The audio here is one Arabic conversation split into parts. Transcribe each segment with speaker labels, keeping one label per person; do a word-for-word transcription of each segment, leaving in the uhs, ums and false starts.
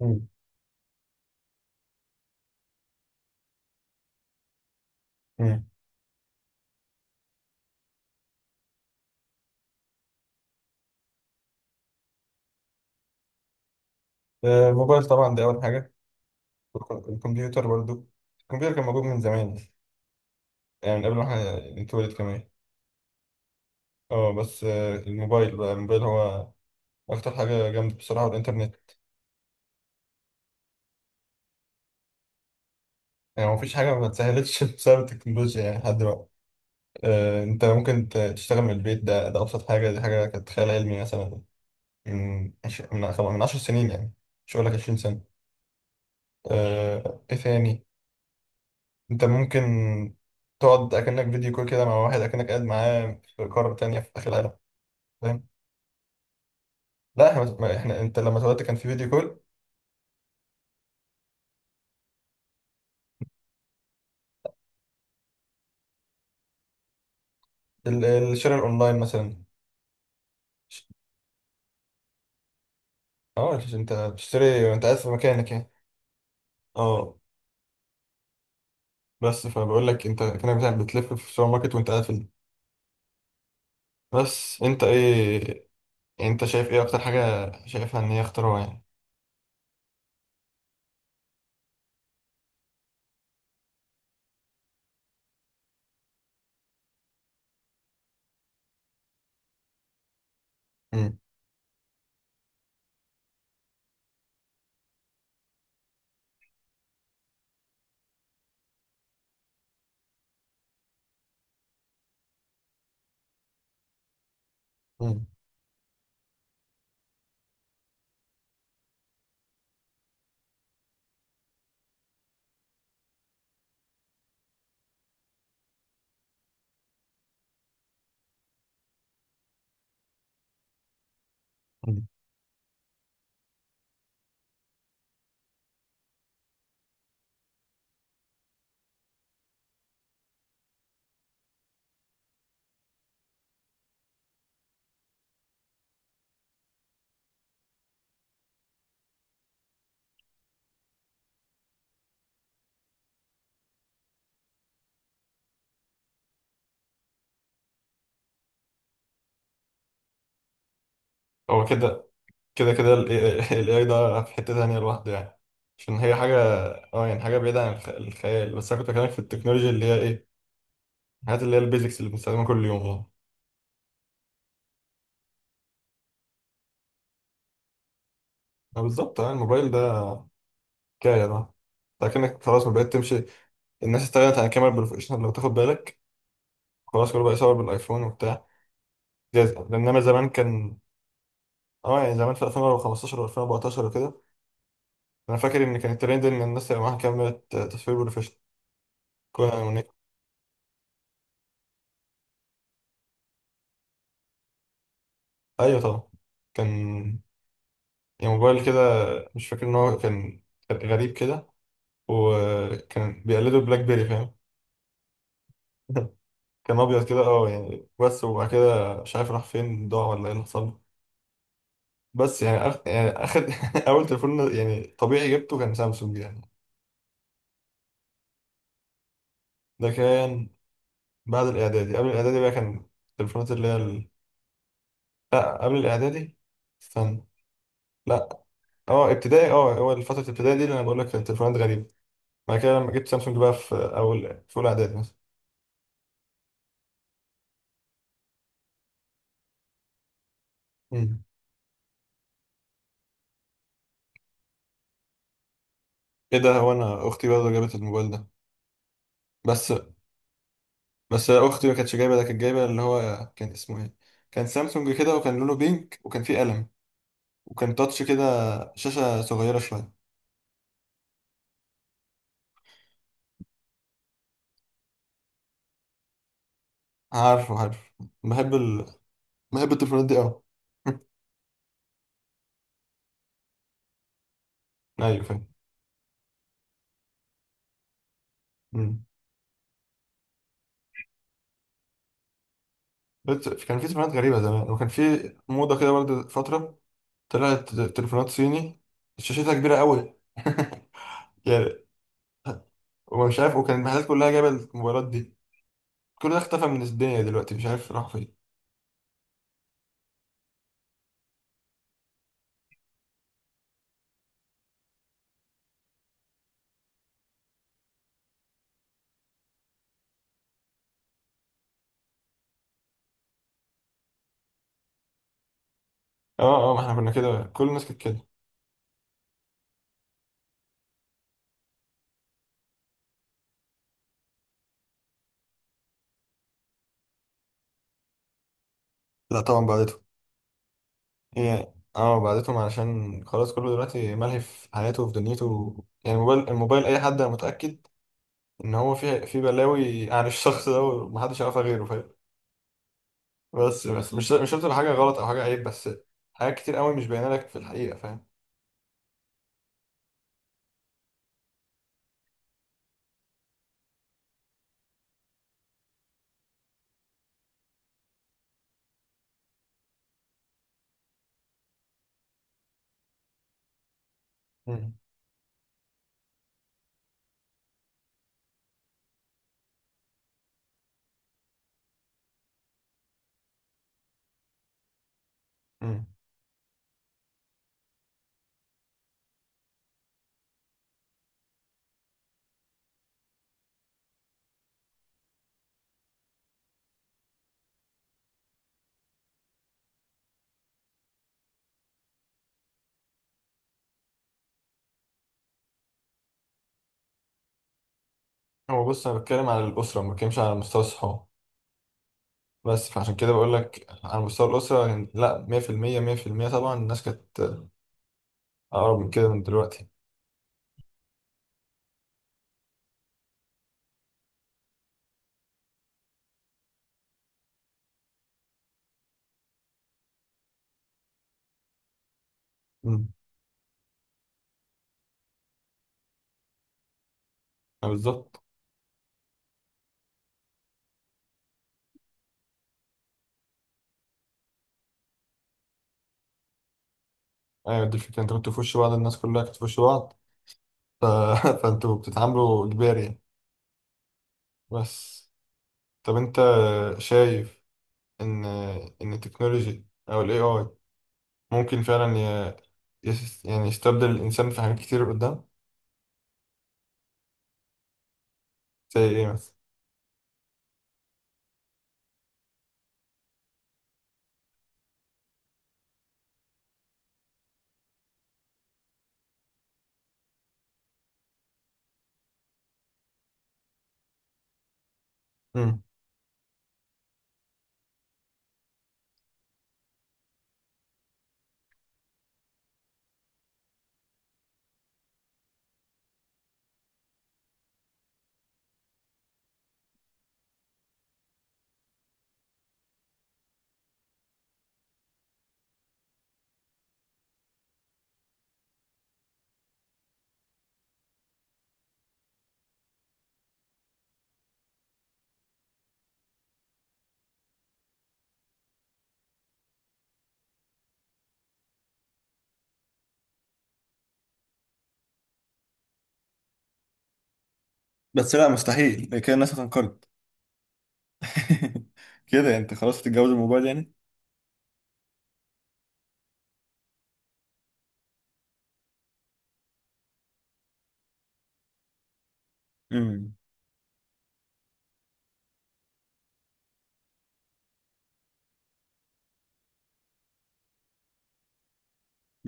Speaker 1: مم. مم. آه، الموبايل طبعا ده أول حاجة. والكم- الكمبيوتر برضو. الكمبيوتر كان موجود من زمان، يعني من قبل ما احنا نتولد كمان. اه بس آه، الموبايل بقى، الموبايل هو أكتر حاجة جامدة بصراحة، والإنترنت. يعني مفيش حاجة ما اتسهلتش بسبب التكنولوجيا يعني لحد دلوقتي. آه، أنت ممكن ت- تشتغل من البيت، ده ده أبسط حاجة، دي حاجة كانت خيال علمي مثلا، من عش- من خم- من عشر سنين يعني، مش هقول لك عشرين سنة. آه، إيه ثاني؟ انت ممكن تقعد اكنك فيديو كول كده مع واحد اكنك قاعد معاه في قارة تانية في اخر العالم. فاهم؟ لا احنا ما- احنا، انت لما اتولدت كان في فيديو كول. ال- الشراء الاونلاين مثلا. ش- اه، انت بتشتري وانت قاعد في مكانك يعني. اه، بس فبقول لك، انت كانك بتاع- بتلف في السوبر ماركت وانت قاعد في ال- بس انت ايه؟ انت شايف ايه اكتر حاجة شايفها ان هي اختراع يعني؟ مم. مم. مم. هو كده كده كده ال ايه اي ده في حتة تانية لوحده يعني، عشان هي حاجة، اه يعني حاجة بعيدة عن الخ- الخيال. بس أنا كنت بكلمك في التكنولوجيا اللي هي إيه، الحاجات اللي هي البيزكس اللي بنستخدمها كل يوم. اه آه بالظبط، اه الموبايل ده حكاية، ده لكنك خلاص ما بقيت تمشي. الناس استغنت عن الكاميرا البروفيشنال لو تاخد بالك. خلاص كله بقى يصور بالايفون وبتاع. جاز- انما زمان كان، اه يعني زمان في ألفين وخمسة عشر و2014 وكده، انا فاكر ان كان الترند ان الناس يبقى معاها كاميرا تصوير بروفيشنال. كنا ونيك- ايوه طبعا، كان يعني موبايل كده، مش فاكر ان هو كان، كان غريب كده، وكان بيقلده بلاك بيري، فاهم؟ ده كان ابيض كده اه يعني، بس وبعد كده مش عارف راح فين، ضاع ولا ايه اللي حصل له. بس يعني أخ... يعني اخد اول تليفون يعني طبيعي جبته كان سامسونج يعني. ده كان بعد الاعدادي، قبل الاعدادي بقى، كان التليفونات اللي هي ال... لا قبل الاعدادي، استنى، لا، اه ابتدائي، اه هو فترة الابتدائي دي اللي انا بقول لك كانت تليفونات غريبة. بعد كده لما جبت سامسونج بقى في اول، في اولى اعدادي مثلا. مم. ايه ده، هو انا اختي برضه جابت الموبايل ده. بس بس اختي ما كانتش جايبه ده، كانت جايبه اللي هو كان اسمه ايه، كان سامسونج كده، وكان لونه بينك، وكان فيه قلم، وكان تاتش كده، شاشه صغيره شويه. عارفه، عارف. بحب ال... بحب التليفونات دي قوي. ايوه فاهم. مم. بس كان في تليفونات غريبه زمان، وكان في موضه كده برضه فتره، طلعت تليفونات صيني شاشتها كبيره قوي يعني، ومش عارف، وكان المحلات كلها جايبه الموبايلات دي. كل ده اختفى من الدنيا دلوقتي، مش عارف راح فين. اه اه، ما احنا كنا كده، كل الناس كانت كده. لا طبعا بعد. هي اه بعدتهم، علشان خلاص كله دلوقتي ملهي في حياته وفي دنيته. يعني الموبايل، الموبايل اي حد أنا متأكد ان هو فيه، في بلاوي عن الشخص ده ومحدش يعرفها غيره، فاهم؟ بس بس مش مش شرط تبقى حاجة غلط او حاجة عيب، بس حاجات كتير قوي مش باينة لك في الحقيقة، فاهم؟ مم. مم. هو بص، انا بتكلم على الأسرة، ما بتكلمش على مستوى الصحاب. بس فعشان كده بقول لك، على مستوى الأسرة يعني لا مية في المية، مية في المية طبعا الناس كانت أقرب من كده من دلوقتي. مم. آه، بالظبط. ايوه دي الفكرة، انت كنت في وش بعض، الناس كلها كانت في وش بعض، ف... فانتوا بتتعاملوا اجباري يعني. بس طب انت شايف ان ان التكنولوجي او الاي اي ممكن فعلا ي... يس... يعني يستبدل الانسان في حاجات كتير قدام؟ زي ايه مثلا؟ امم، بس لا مستحيل كده الناس هتنقرض. كده يعني انت خلاص هتتجوز الموبايل يعني؟ امم.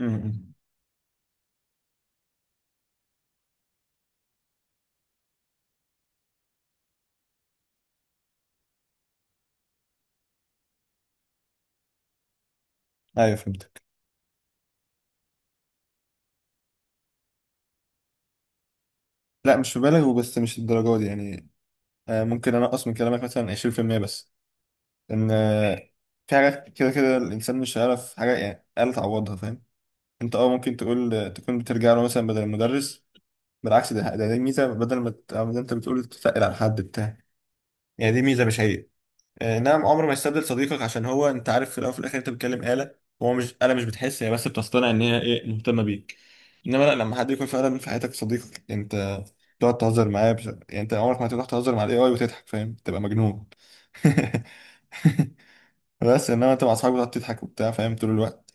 Speaker 1: امم. ايوه فهمتك. لا مش مبالغ، وبس مش الدرجه دي يعني. آه، ممكن انقص من كلامك مثلا عشرين بالمية بس. ان آه، في حاجات كده كده الانسان مش هيعرف حاجه يعني آلة تعوضها، فاهم؟ انت اه ممكن تقول تكون بترجع له مثلا بدل المدرس. بالعكس، ده ده دي ميزه، بدل ما ت- ما انت بتقول تتقل على حد بتاع يعني دي ميزه مش عيب. آه، نعم عمر ما يستبدل صديقك، عشان هو انت عارف في الاول وفي الاخر انت بتتكلم آلة. هو مش آلة مش بتحس هي، بس بتصطنع ان هي ايه مهتمه بيك. انما لا، لما حد يكون فعلا في حياتك صديقك انت، تقعد تهزر معاه بش... يعني انت عمرك ما هتروح تهزر مع الاي اي وتضحك، فاهم؟ تبقى مجنون. بس انما انت مع اصحابك بتقعد تضحك وبتاع، فاهم؟ طول الوقت.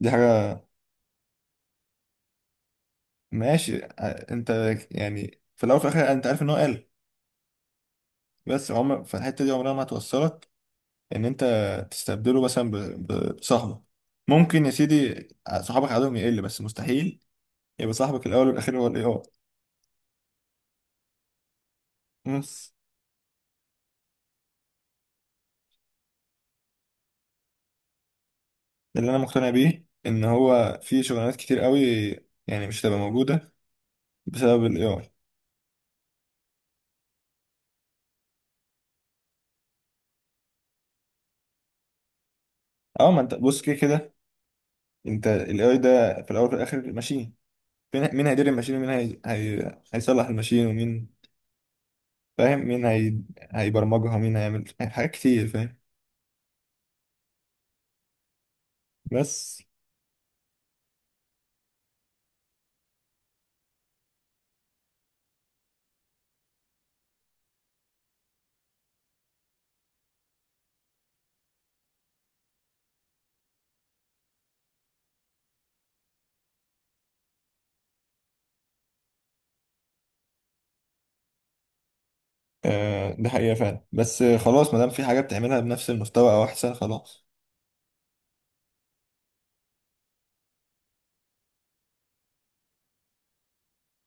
Speaker 1: دي حاجه. ماشي ع- انت يعني في الاول وفي الاخر انت عارف ان هو قال. بس عمر، في الحته دي عمرها ما هتوصلك ان انت تستبدله مثلا ب- ب- بصاحبك. ممكن يا سيدي ع- صحابك عددهم يقل، بس مستحيل يبقى صاحبك الاول والاخير هو الاي اي. بس ده اللي انا مقتنع بيه، ان هو في شغلانات كتير قوي يعني مش هتبقى موجوده بسبب الاي اي. اه، ما انت بص كده كده، انت الاي اي ده في الاول وفي الاخر ماشين، مين مين هيدير الماشين، ومين هي... هي... هيصلح الماشين، ومين، فاهم؟ مين هي... هيبرمجها، مين هيعمل حاجات كتير، فاهم؟ بس آه ده حقيقة فعلا. بس آه، خلاص ما دام في حاجة بتعملها بنفس المستوى أو أحسن، خلاص.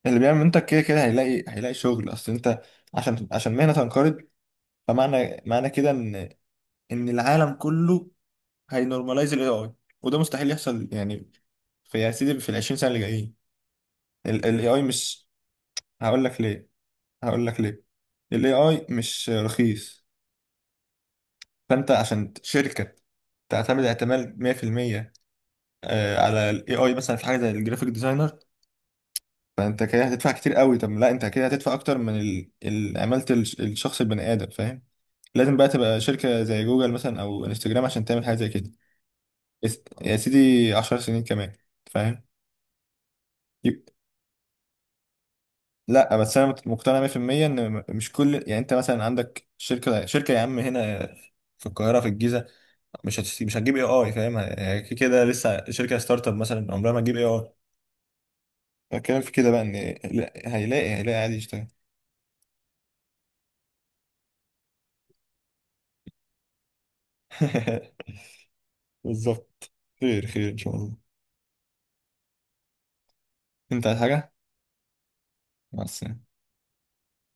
Speaker 1: اللي بيعمل منتج كده كده هيلاقي، هيلاقي شغل. أصل أنت، عشان عشان مهنة تنقرض، فمعنى، معنى كده إن، إن العالم كله هينورماليز ال إيه آي، وده مستحيل يحصل يعني في يا سيدي في ال عشرين سنة اللي جايين. ال ال ايه اي مش، هقول لك ليه، هقول لك ليه. ال ايه اي مش رخيص. فانت عشان شركه تعتمد اعتماد مية في المية، آه، على الاي اي مثلا في حاجه زي الجرافيك ديزاينر، فانت كده هتدفع كتير قوي. طب لا، انت كده هتدفع اكتر من ال- ال- عماله الش- الشخص البني ادم، فاهم؟ لازم بقى تبقى شركه زي جوجل مثلا او انستجرام عشان تعمل حاجه زي كده. بس يا سيدي عشر سنين كمان، فاهم؟ يب- لا بس انا مت- مقتنع مية بالمية ان م- مش كل، يعني انت مثلا عندك شركه، شركه يا عم هنا في القاهره في الجيزه، مش هتست... مش هتجيب اي اي، فاهم؟ هي كده كده لسه شركه ستارت اب مثلا، عمرها ما تجيب اي اي. الكلام في كده بقى ان لا، هيلاقي، هيلاقي عادي يشتغل. بالظبط. خير خير ان شاء الله. انت عايز حاجه؟ مع السلامه.